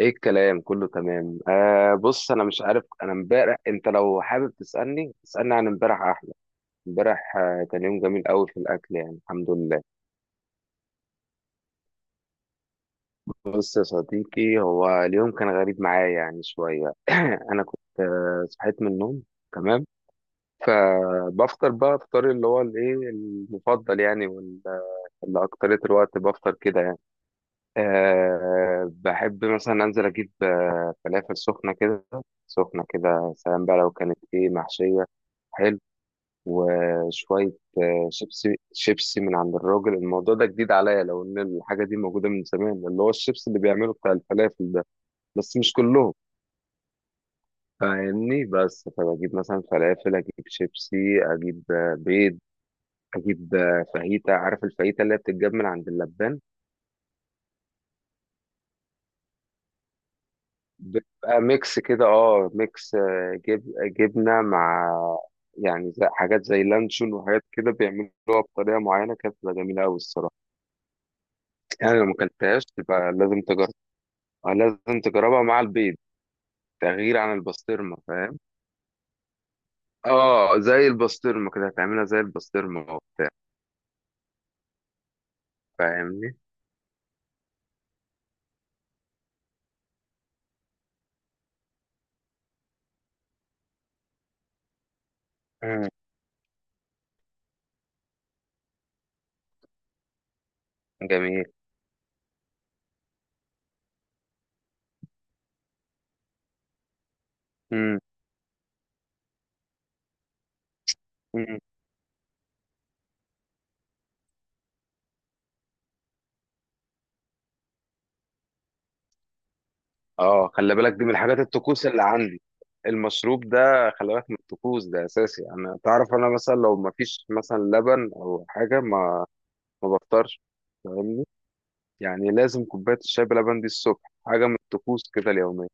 ايه الكلام كله تمام. بص انا مش عارف، انا امبارح. انت لو حابب تسالني اسالني عن امبارح، احلى امبارح. كان يوم جميل قوي في الاكل، يعني الحمد لله. بص يا صديقي، هو اليوم كان غريب معايا يعني شويه. انا كنت صحيت من النوم، تمام، فبفطر بقى فطاري اللي هو الايه المفضل يعني، اللي اكتريت الوقت بفطر كده يعني. أه، بحب مثلا أنزل أجيب فلافل سخنة كده. سخنة كده سلام بقى، لو كانت إيه محشية، حلو، وشوية شيبسي من عند الراجل. الموضوع ده جديد عليا، لو إن الحاجة دي موجودة من زمان، اللي هو الشيبسي اللي بيعمله بتاع الفلافل ده، بس مش كلهم، فاهمني؟ بس فبجيب مثلا فلافل، أجيب شيبسي، أجيب بيض، أجيب فاهيتا. عارف الفاهيتا اللي هي بتتجاب من عند اللبان؟ بيبقى ميكس كده، اه ميكس، آه، جب جبنة مع، يعني زي حاجات زي لانشون وحاجات كده، بيعملوها بطريقة معينة، كانت بتبقى جميلة أوي الصراحة. يعني لو ما أكلتهاش تبقى لازم تجربها. لازم تجربها مع البيض، تغيير عن البسطرمة، فاهم؟ اه، زي البسطرمة كده. هتعملها زي البسطرمة وبتاع. فاهمني؟ مم. جميل. مم. مم. اه، خلي بالك، دي من الحاجات الطقوس اللي عندي. المشروب ده خلي بالك، من الطقوس ده، اساسي. انا تعرف، انا مثلا لو ما فيش مثلا لبن او حاجه، ما بفطرش، فاهمني؟ يعني لازم كوبايه الشاي بلبن دي الصبح، حاجه من الطقوس كده اليوميه.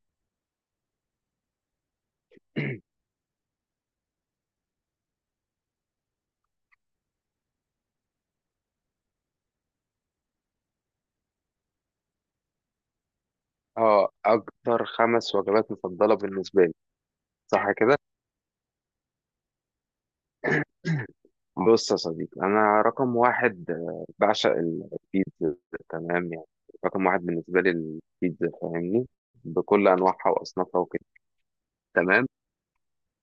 اه، اكتر خمس وجبات مفضله بالنسبه لي، صح كده؟ بص يا صديقي، انا رقم واحد بعشق البيتزا، تمام يعني. رقم واحد بالنسبه لي البيتزا، فاهمني؟ بكل انواعها واصنافها وكده، تمام.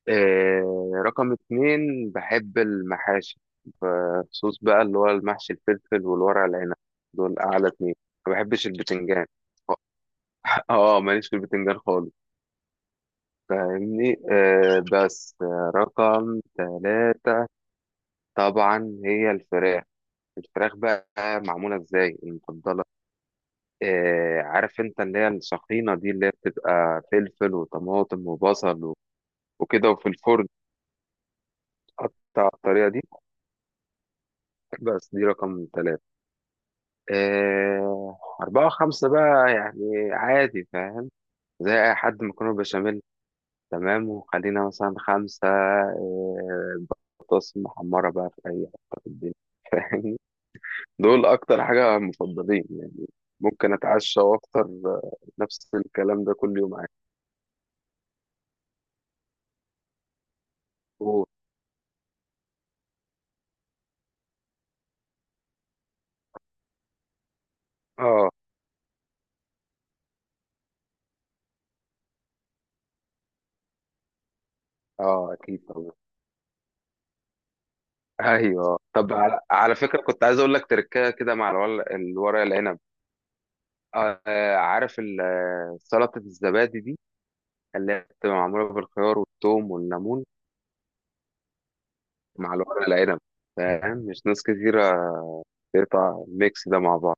رقم اتنين بحب المحاشي، بخصوص بقى اللي هو المحشي الفلفل والورق العنب. دول أعلى اتنين. ما بحبش البتنجان. اه، ماليش في البتنجان خالص، فاهمني؟ آه، بس آه، رقم ثلاثة طبعا هي الفراخ. الفراخ بقى معمولة ازاي المفضلة؟ آه، عارف انت اللي هي السخينة دي، اللي هي بتبقى فلفل وطماطم وبصل وكده، وفي الفرن قطع، الطريقة دي. بس دي رقم ثلاثة. أربعة وخمسة بقى يعني عادي، فاهم؟ زي أي حد، مكرونة بشاميل، تمام، وخلينا مثلا خمسة بطاطس محمرة بقى في أي حتة في الدنيا. فاهم؟ دول أكتر حاجة مفضلين يعني. ممكن أتعشى وأفطر نفس الكلام ده كل يوم، عادي. أوه. آه. آه، أكيد طبعا. أيوه، طب على فكرة كنت عايز أقول لك تركاية كده مع الورق العنب. آه. عارف سلطة الزبادي دي، اللي هي بتبقى معمولة بالخيار والثوم والليمون، مع الورق العنب؟ فاهم، مش ناس كتيرة تقطع الميكس ده مع بعض.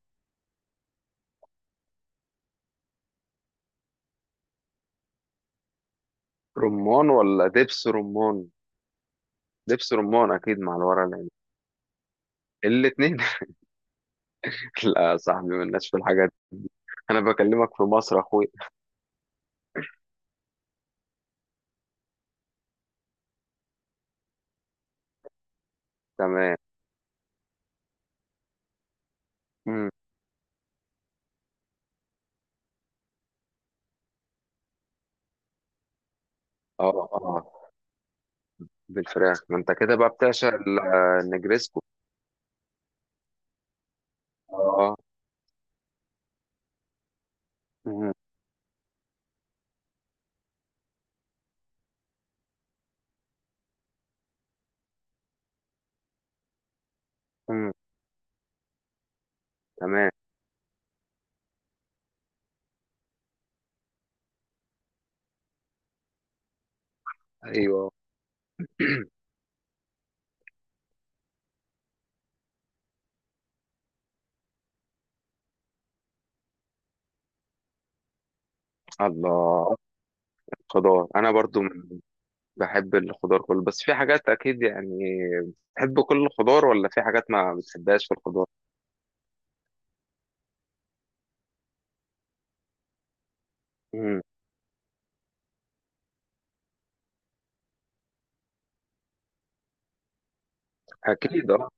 رمان ولا دبس رمان؟ دبس رمان أكيد مع الورق العنب. الاتنين. لا يا صاحبي، مالناش في الحاجات دي. أنا بكلمك في مصر، أخوي. تمام. مم. اه اه. بالفراخ، ما أنت كده بقى بتعشق النجريسكو. اه. مم. مم. تمام. أيوه. الله. خضار، أنا برضو بحب الخضار كله، بس في حاجات أكيد يعني. بتحب كل الخضار ولا في حاجات ما بتحبهاش في الخضار؟ مم. أكيد، أه.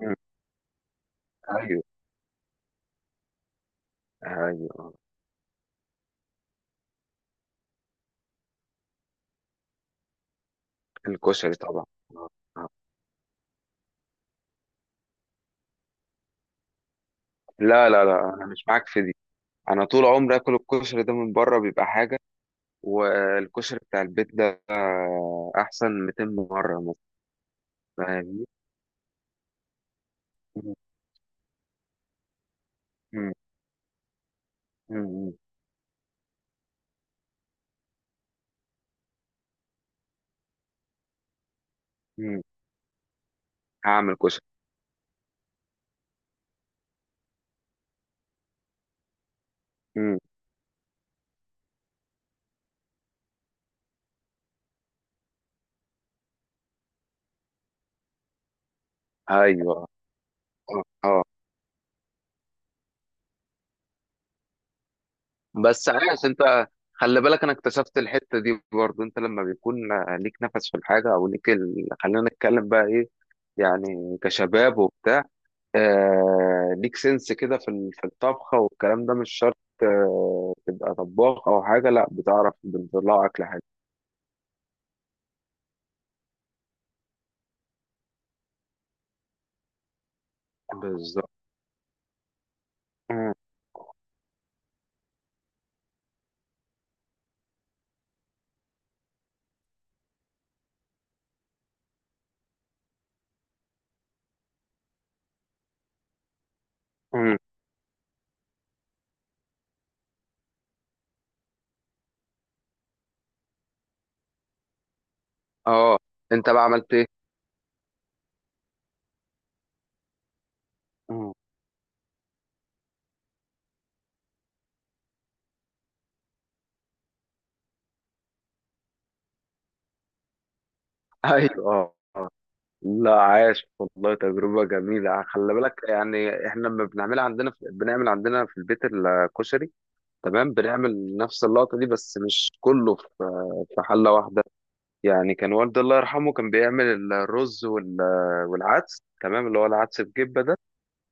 مم. أيوه. أيوه. آه. الكشري طبعا. آه. آه. لا، أنا مش معاك في دي. أنا طول عمري آكل الكشري ده من بره، بيبقى حاجة. والكشري بتاع البيت ده أحسن 200 مرة مثلا، فاهمني؟ مم. مم. مم. مم. هعمل كشري. مم. أيوه. أه. آه. بس عارف انت، خلي بالك، انا اكتشفت الحته دي برضو، انت لما بيكون ليك نفس في الحاجه، او ليك ال، خلينا نتكلم بقى ايه، يعني كشباب وبتاع، آه، ليك سنس كده في في الطبخه. والكلام ده مش شرط آه تبقى طباخ او حاجه، لا، بتعرف بتطلع اكل حاجه. بالظبط. مم. مم. اه، انت بقى عملت ايه؟ مم. ايوه، اه. لا عاش والله، تجربة جميلة. خلي بالك يعني، احنا لما بنعملها عندنا في، بنعمل عندنا في البيت الكشري، تمام، بنعمل نفس اللقطة دي، بس مش كله في في حلة واحدة. يعني كان والدي الله يرحمه، كان بيعمل الرز والعدس، تمام، اللي هو العدس بجبة ده،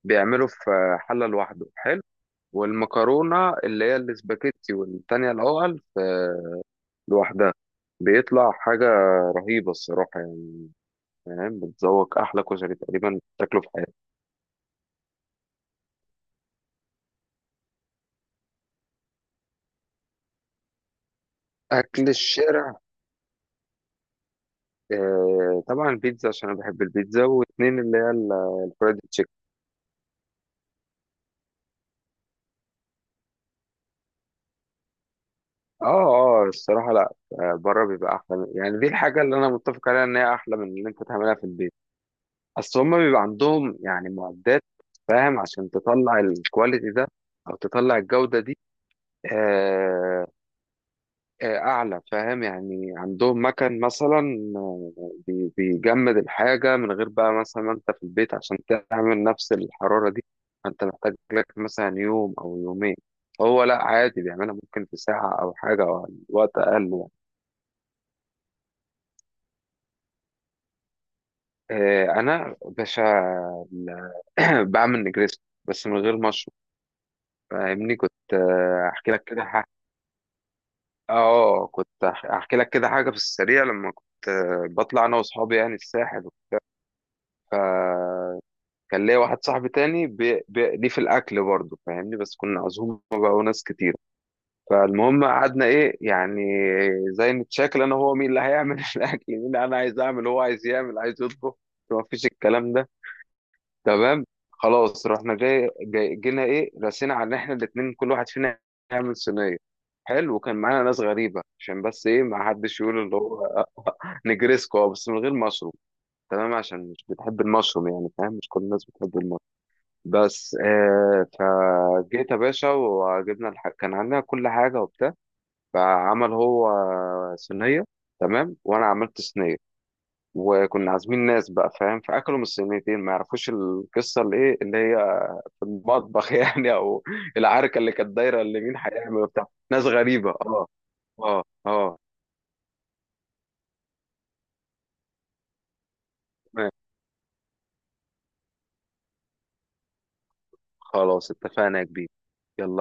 بيعمله في حلة لوحده، حلو. والمكرونة اللي هي الاسباجيتي، والتانية الأول لوحدها. بيطلع حاجة رهيبة الصراحة يعني. فاهم؟ بتذوق أحلى كشري تقريبا تاكله في حياتك. أكل الشارع؟ آه طبعا البيتزا، عشان أنا بحب البيتزا، واتنين اللي هي الفرايد تشيكن. اه اه، الصراحة لا. بره بيبقى احلى يعني، دي الحاجة اللي انا متفق عليها، ان هي احلى من اللي انت تعملها في البيت. اصل هما بيبقى عندهم يعني معدات، فاهم، عشان تطلع الكواليتي ده، او تطلع الجودة دي. آه. آه، اعلى، فاهم؟ يعني عندهم مكان مثلا بيجمد الحاجة، من غير بقى مثلا ما انت في البيت، عشان تعمل نفس الحرارة دي انت محتاج لك مثلا يوم او يومين. هو لا عادي، بيعملها ممكن في ساعة او حاجة او وقت اقل يعني. انا باشا ال- بعمل نجريسكو بس من غير مشروب. فاهمني؟ كنت احكي لك كده حاجه. اه كنت احكي لك كده حاجه في السريع، لما كنت بطلع انا واصحابي يعني الساحل. فكان ليا واحد صاحبي تاني ليه في الاكل برضه، فاهمني؟ بس كنا عزومه بقى وناس كتير. فالمهم قعدنا ايه يعني، زي نتشاكل انا هو، مين اللي هيعمل الاكل، مين اللي انا عايز اعمل، هو عايز يعمل، عايز يطبخ، ما فيش الكلام ده، تمام. خلاص رحنا جاي, جاي جينا ايه، رسينا على ان احنا الاتنين كل واحد فينا يعمل صينيه، حلو. وكان معانا ناس غريبه، عشان بس ايه، ما حدش يقول اللي هو. نجريسكو، بس من غير مشروم، تمام، عشان مش بتحب المشروم يعني، فاهم مش كل الناس بتحب المشروم، بس آه. فجيت يا باشا وجبنا كان عندنا كل حاجه وبتاع. فعمل هو صينيه، تمام، وانا عملت صينيه. وكنا عازمين ناس بقى، فاهم؟ فاكلوا من الصينيتين، ما يعرفوش القصه اللي ايه، اللي هي المطبخ، يعني، او العركه اللي كانت دايره، اللي مين هيعمل وبتاع، ناس غريبه، اه. اه. اه. تمام. خلاص اتفقنا يا كبير. يلا.